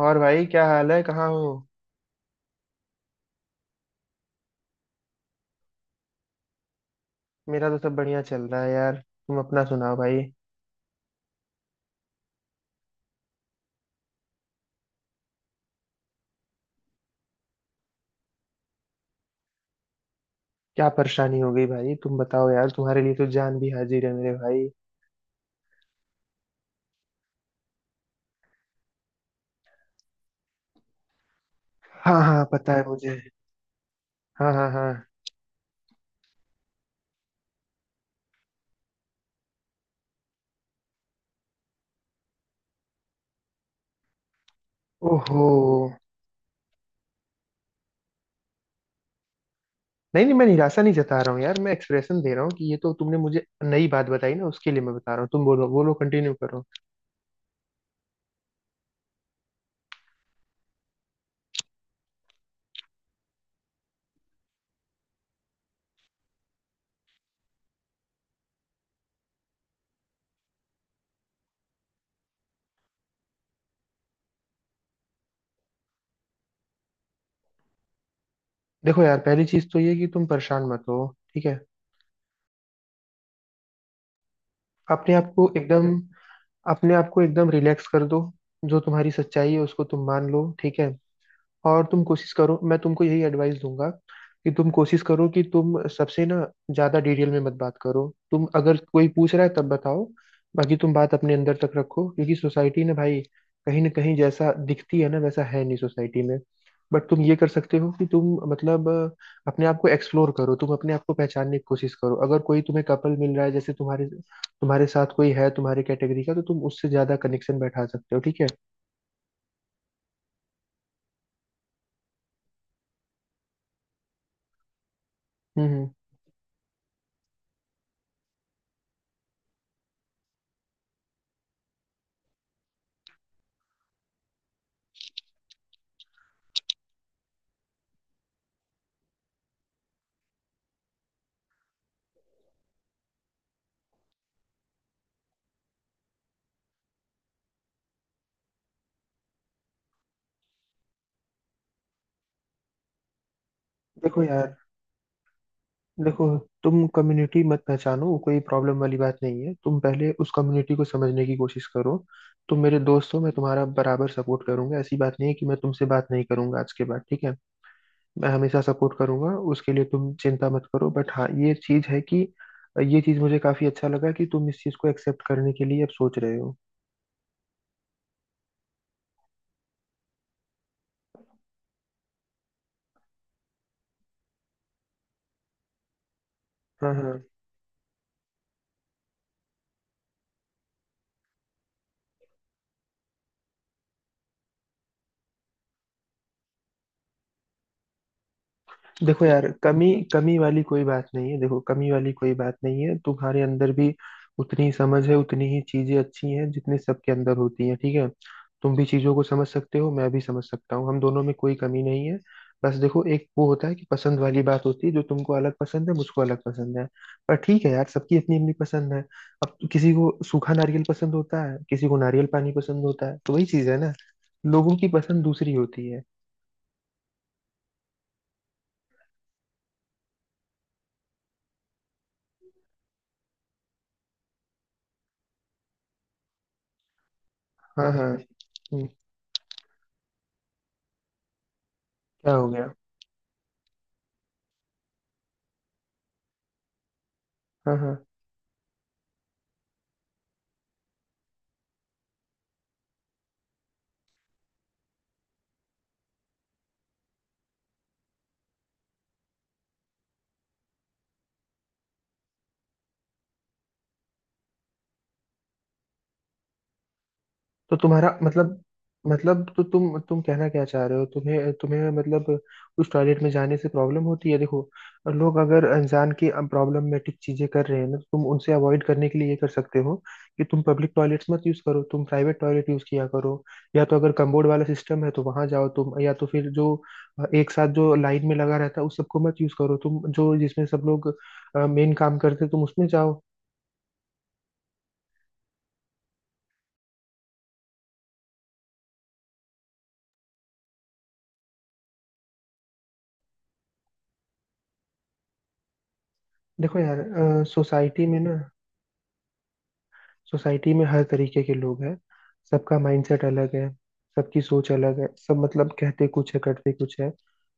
और भाई क्या हाल है? कहाँ हो? मेरा तो सब बढ़िया चल रहा है यार। तुम अपना सुनाओ भाई। क्या परेशानी हो गई भाई? तुम बताओ यार, तुम्हारे लिए तो जान भी हाजिर है मेरे भाई। हाँ हाँ, पता है मुझे। हाँ हाँ हाँ। ओहो। नहीं नहीं, मैं निराशा नहीं जता रहा हूँ यार, मैं एक्सप्रेशन दे रहा हूँ कि ये तो तुमने मुझे नई बात बताई ना, उसके लिए मैं बता रहा हूँ। तुम बोलो, बोलो, कंटिन्यू करो। देखो यार, पहली चीज तो ये कि तुम परेशान मत हो। ठीक है। अपने आप को एकदम, अपने आप को एकदम रिलैक्स कर दो। जो तुम्हारी सच्चाई है उसको तुम मान लो, ठीक है। और तुम कोशिश करो, मैं तुमको यही एडवाइस दूंगा कि तुम कोशिश करो कि तुम सबसे ना ज्यादा डिटेल में मत बात करो। तुम अगर कोई पूछ रहा है तब बताओ, बाकी तुम बात अपने अंदर तक रखो। क्योंकि सोसाइटी ना भाई, कहीं ना कहीं जैसा दिखती है ना वैसा है नहीं सोसाइटी में। बट तुम ये कर सकते हो कि तुम मतलब अपने आप को एक्सप्लोर करो, तुम अपने आप को पहचानने की कोशिश करो। अगर कोई तुम्हें कपल मिल रहा है जैसे तुम्हारे, साथ कोई है तुम्हारे कैटेगरी का, तो तुम उससे ज्यादा कनेक्शन बैठा सकते हो। ठीक है। हम्म हम्म। देखो यार, देखो, तुम कम्युनिटी मत पहचानो, वो कोई प्रॉब्लम वाली बात नहीं है। तुम पहले उस कम्युनिटी को समझने की कोशिश करो। तुम मेरे दोस्त हो, मैं तुम्हारा बराबर सपोर्ट करूंगा। ऐसी बात नहीं है कि मैं तुमसे बात नहीं करूंगा आज के बाद, ठीक है। मैं हमेशा सपोर्ट करूंगा, उसके लिए तुम चिंता मत करो। बट हाँ, ये चीज है कि ये चीज मुझे काफी अच्छा लगा कि तुम इस चीज को एक्सेप्ट करने के लिए अब सोच रहे हो। हाँ हाँ। देखो यार, कमी कमी वाली कोई बात नहीं है। देखो, कमी वाली कोई बात नहीं है। तुम्हारे अंदर भी उतनी ही समझ है, उतनी ही चीजें अच्छी हैं जितनी सबके अंदर होती हैं, ठीक है। तुम भी चीजों को समझ सकते हो, मैं भी समझ सकता हूँ, हम दोनों में कोई कमी नहीं है। बस देखो, एक वो होता है कि पसंद वाली बात होती है, जो तुमको अलग पसंद है, मुझको अलग पसंद है। पर ठीक है यार, सबकी अपनी अपनी पसंद है। अब किसी को सूखा नारियल पसंद होता है, किसी को नारियल पानी पसंद होता है, तो वही चीज है ना, लोगों की पसंद दूसरी होती है। हाँ हाँ। हम्म, क्या हो गया? हाँ हाँ। तो तुम्हारा मतलब, मतलब तो तुम कहना क्या चाह रहे हो? तुम्हें, तुम्हें मतलब उस टॉयलेट में जाने से प्रॉब्लम होती है? देखो, लोग अगर अनजान की प्रॉब्लमेटिक चीजें कर रहे हैं ना, तो तुम उनसे अवॉइड करने के लिए ये कर सकते हो कि तुम पब्लिक टॉयलेट्स मत यूज करो, तुम प्राइवेट टॉयलेट यूज किया करो। या तो अगर कम्बोर्ड वाला सिस्टम है तो वहां जाओ तुम, या तो फिर जो एक साथ जो लाइन में लगा रहता है उस सबको मत यूज करो। तुम जो जिसमें सब लोग मेन काम करते हैं, तुम उसमें जाओ। देखो यार, सोसाइटी में ना, सोसाइटी में हर तरीके के लोग हैं। सबका माइंडसेट अलग है, सबकी सोच अलग है, सब मतलब कहते कुछ है करते कुछ है।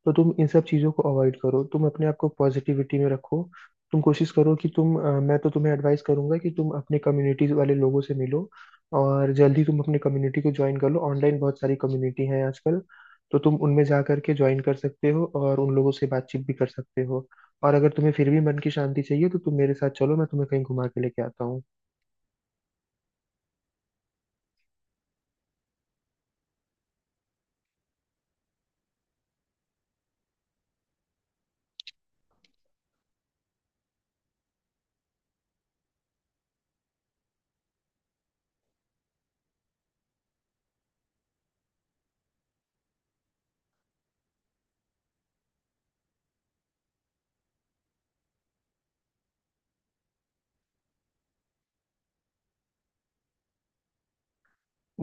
तो तुम इन सब चीज़ों को अवॉइड करो, तुम अपने आप को पॉजिटिविटी में रखो। तुम कोशिश करो कि तुम मैं तो तुम्हें एडवाइस करूंगा कि तुम अपने कम्युनिटीज वाले लोगों से मिलो, और जल्दी तुम अपने कम्युनिटी को ज्वाइन कर लो। ऑनलाइन बहुत सारी कम्युनिटी हैं आजकल, तो तुम उनमें जा करके ज्वाइन कर सकते हो और उन लोगों से बातचीत भी कर सकते हो। और अगर तुम्हें फिर भी मन की शांति चाहिए तो तुम मेरे साथ चलो, मैं तुम्हें कहीं घुमा के लेके आता हूँ।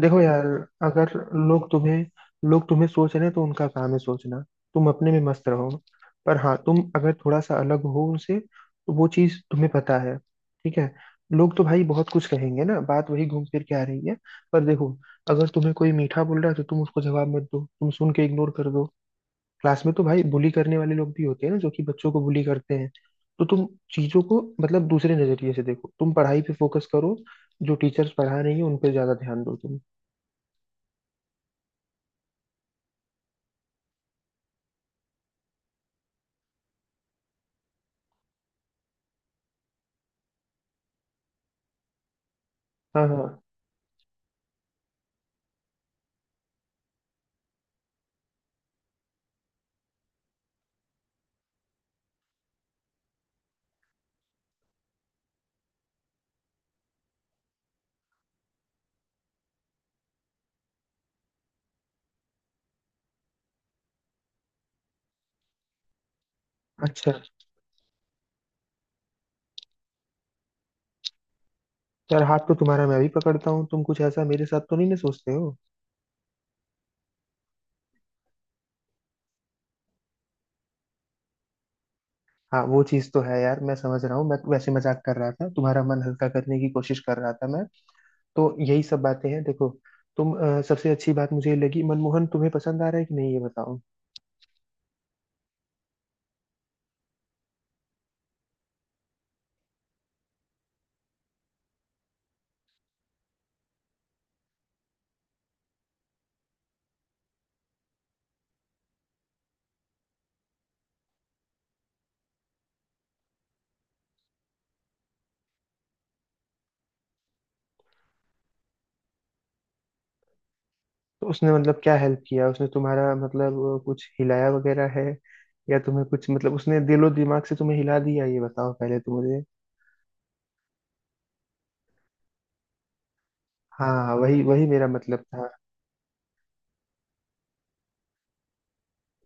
देखो यार, अगर लोग तुम्हें लोग तुम्हें सोच रहे हैं तो उनका काम है सोचना, तुम अपने में मस्त रहो। पर हाँ, तुम अगर थोड़ा सा अलग हो उनसे तो वो चीज तुम्हें पता है, ठीक है। लोग तो भाई बहुत कुछ कहेंगे ना, बात वही घूम फिर के आ रही है। पर देखो, अगर तुम्हें कोई मीठा बोल रहा है तो तुम उसको जवाब मत दो, तुम सुन के इग्नोर कर दो। क्लास में तो भाई बुली करने वाले लोग भी होते हैं ना, जो कि बच्चों को बुली करते हैं। तो तुम चीजों को मतलब दूसरे नजरिए से देखो, तुम पढ़ाई पे फोकस करो। जो टीचर्स पढ़ा रही हैं उन पे ज्यादा ध्यान दो तुम। हाँ हाँ। अच्छा। यार हाथ तो तुम्हारा मैं भी पकड़ता हूँ, तुम कुछ ऐसा मेरे साथ तो नहीं ना सोचते हो? हाँ वो चीज़ तो है यार, मैं समझ रहा हूँ। मैं वैसे मजाक कर रहा था, तुम्हारा मन हल्का करने की कोशिश कर रहा था मैं। तो यही सब बातें हैं देखो। तुम सबसे अच्छी बात मुझे ये लगी, मनमोहन तुम्हें पसंद आ रहा है कि नहीं, ये बताओ। तो उसने मतलब क्या हेल्प किया? उसने तुम्हारा मतलब कुछ हिलाया वगैरह है, या तुम्हें कुछ मतलब उसने दिलो दिमाग से तुम्हें हिला दिया, ये बताओ पहले तो मुझे। हाँ हाँ, वही वही मेरा मतलब था।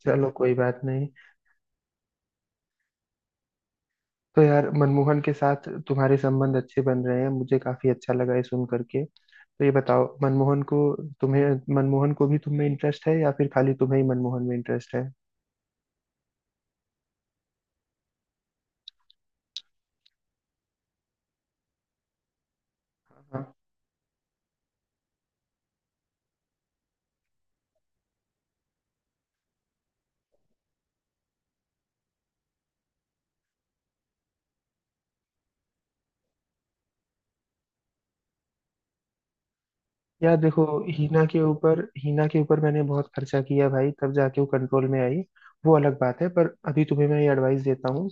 चलो कोई बात नहीं। तो यार मनमोहन के साथ तुम्हारे संबंध अच्छे बन रहे हैं, मुझे काफी अच्छा लगा ये सुन करके। तो ये बताओ, तुम्हें मनमोहन को भी तुम्हें इंटरेस्ट है, या फिर खाली तुम्हें ही मनमोहन में इंटरेस्ट है? हाँ। यार देखो, हीना के ऊपर मैंने बहुत खर्चा किया भाई, तब जाके वो कंट्रोल में आई। वो अलग बात है, पर अभी तुम्हें मैं ये एडवाइस देता हूँ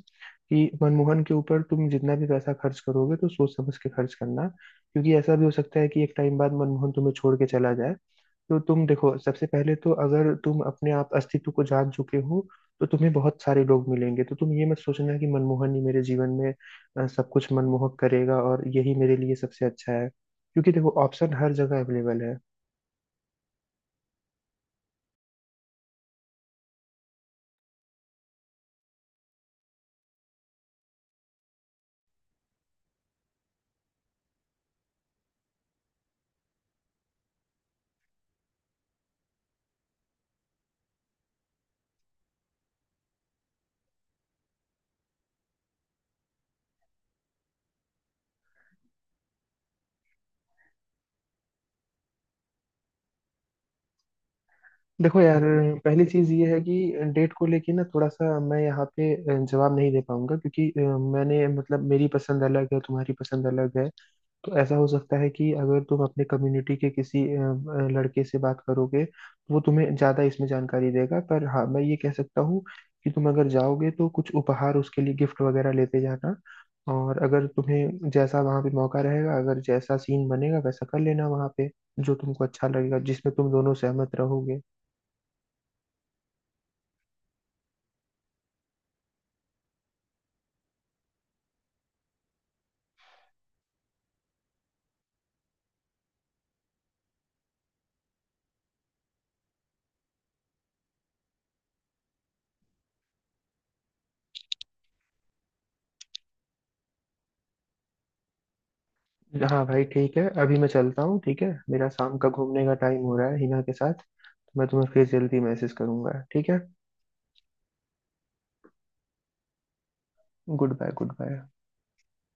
कि मनमोहन के ऊपर तुम जितना भी पैसा खर्च करोगे तो सोच समझ के खर्च करना, क्योंकि ऐसा भी हो सकता है कि एक टाइम बाद मनमोहन तुम्हें छोड़ के चला जाए। तो तुम देखो, सबसे पहले तो अगर तुम अपने आप अस्तित्व को जान चुके हो तो तुम्हें बहुत सारे लोग मिलेंगे। तो तुम ये मत सोचना कि मनमोहन ही मेरे जीवन में सब कुछ मनमोहक करेगा और यही मेरे लिए सबसे अच्छा है, क्योंकि देखो ऑप्शन हर जगह अवेलेबल है। देखो यार, पहली चीज ये है कि डेट को लेके ना थोड़ा सा मैं यहाँ पे जवाब नहीं दे पाऊंगा, क्योंकि मैंने मतलब मेरी पसंद अलग है, तुम्हारी पसंद अलग है। तो ऐसा हो सकता है कि अगर तुम अपने कम्युनिटी के किसी लड़के से बात करोगे तो वो तुम्हें ज्यादा इसमें जानकारी देगा। पर हाँ, मैं ये कह सकता हूँ कि तुम अगर जाओगे तो कुछ उपहार उसके लिए, गिफ्ट वगैरह लेते जाना। और अगर तुम्हें जैसा वहां पे मौका रहेगा, अगर जैसा सीन बनेगा वैसा कर लेना वहां पे, जो तुमको अच्छा लगेगा जिसमें तुम दोनों सहमत रहोगे। हाँ भाई, ठीक है अभी मैं चलता हूँ। ठीक है, मेरा शाम का घूमने का टाइम हो रहा है हिना के साथ। तो मैं तुम्हें फिर जल्दी मैसेज करूंगा, ठीक है। Good bye. Good bye.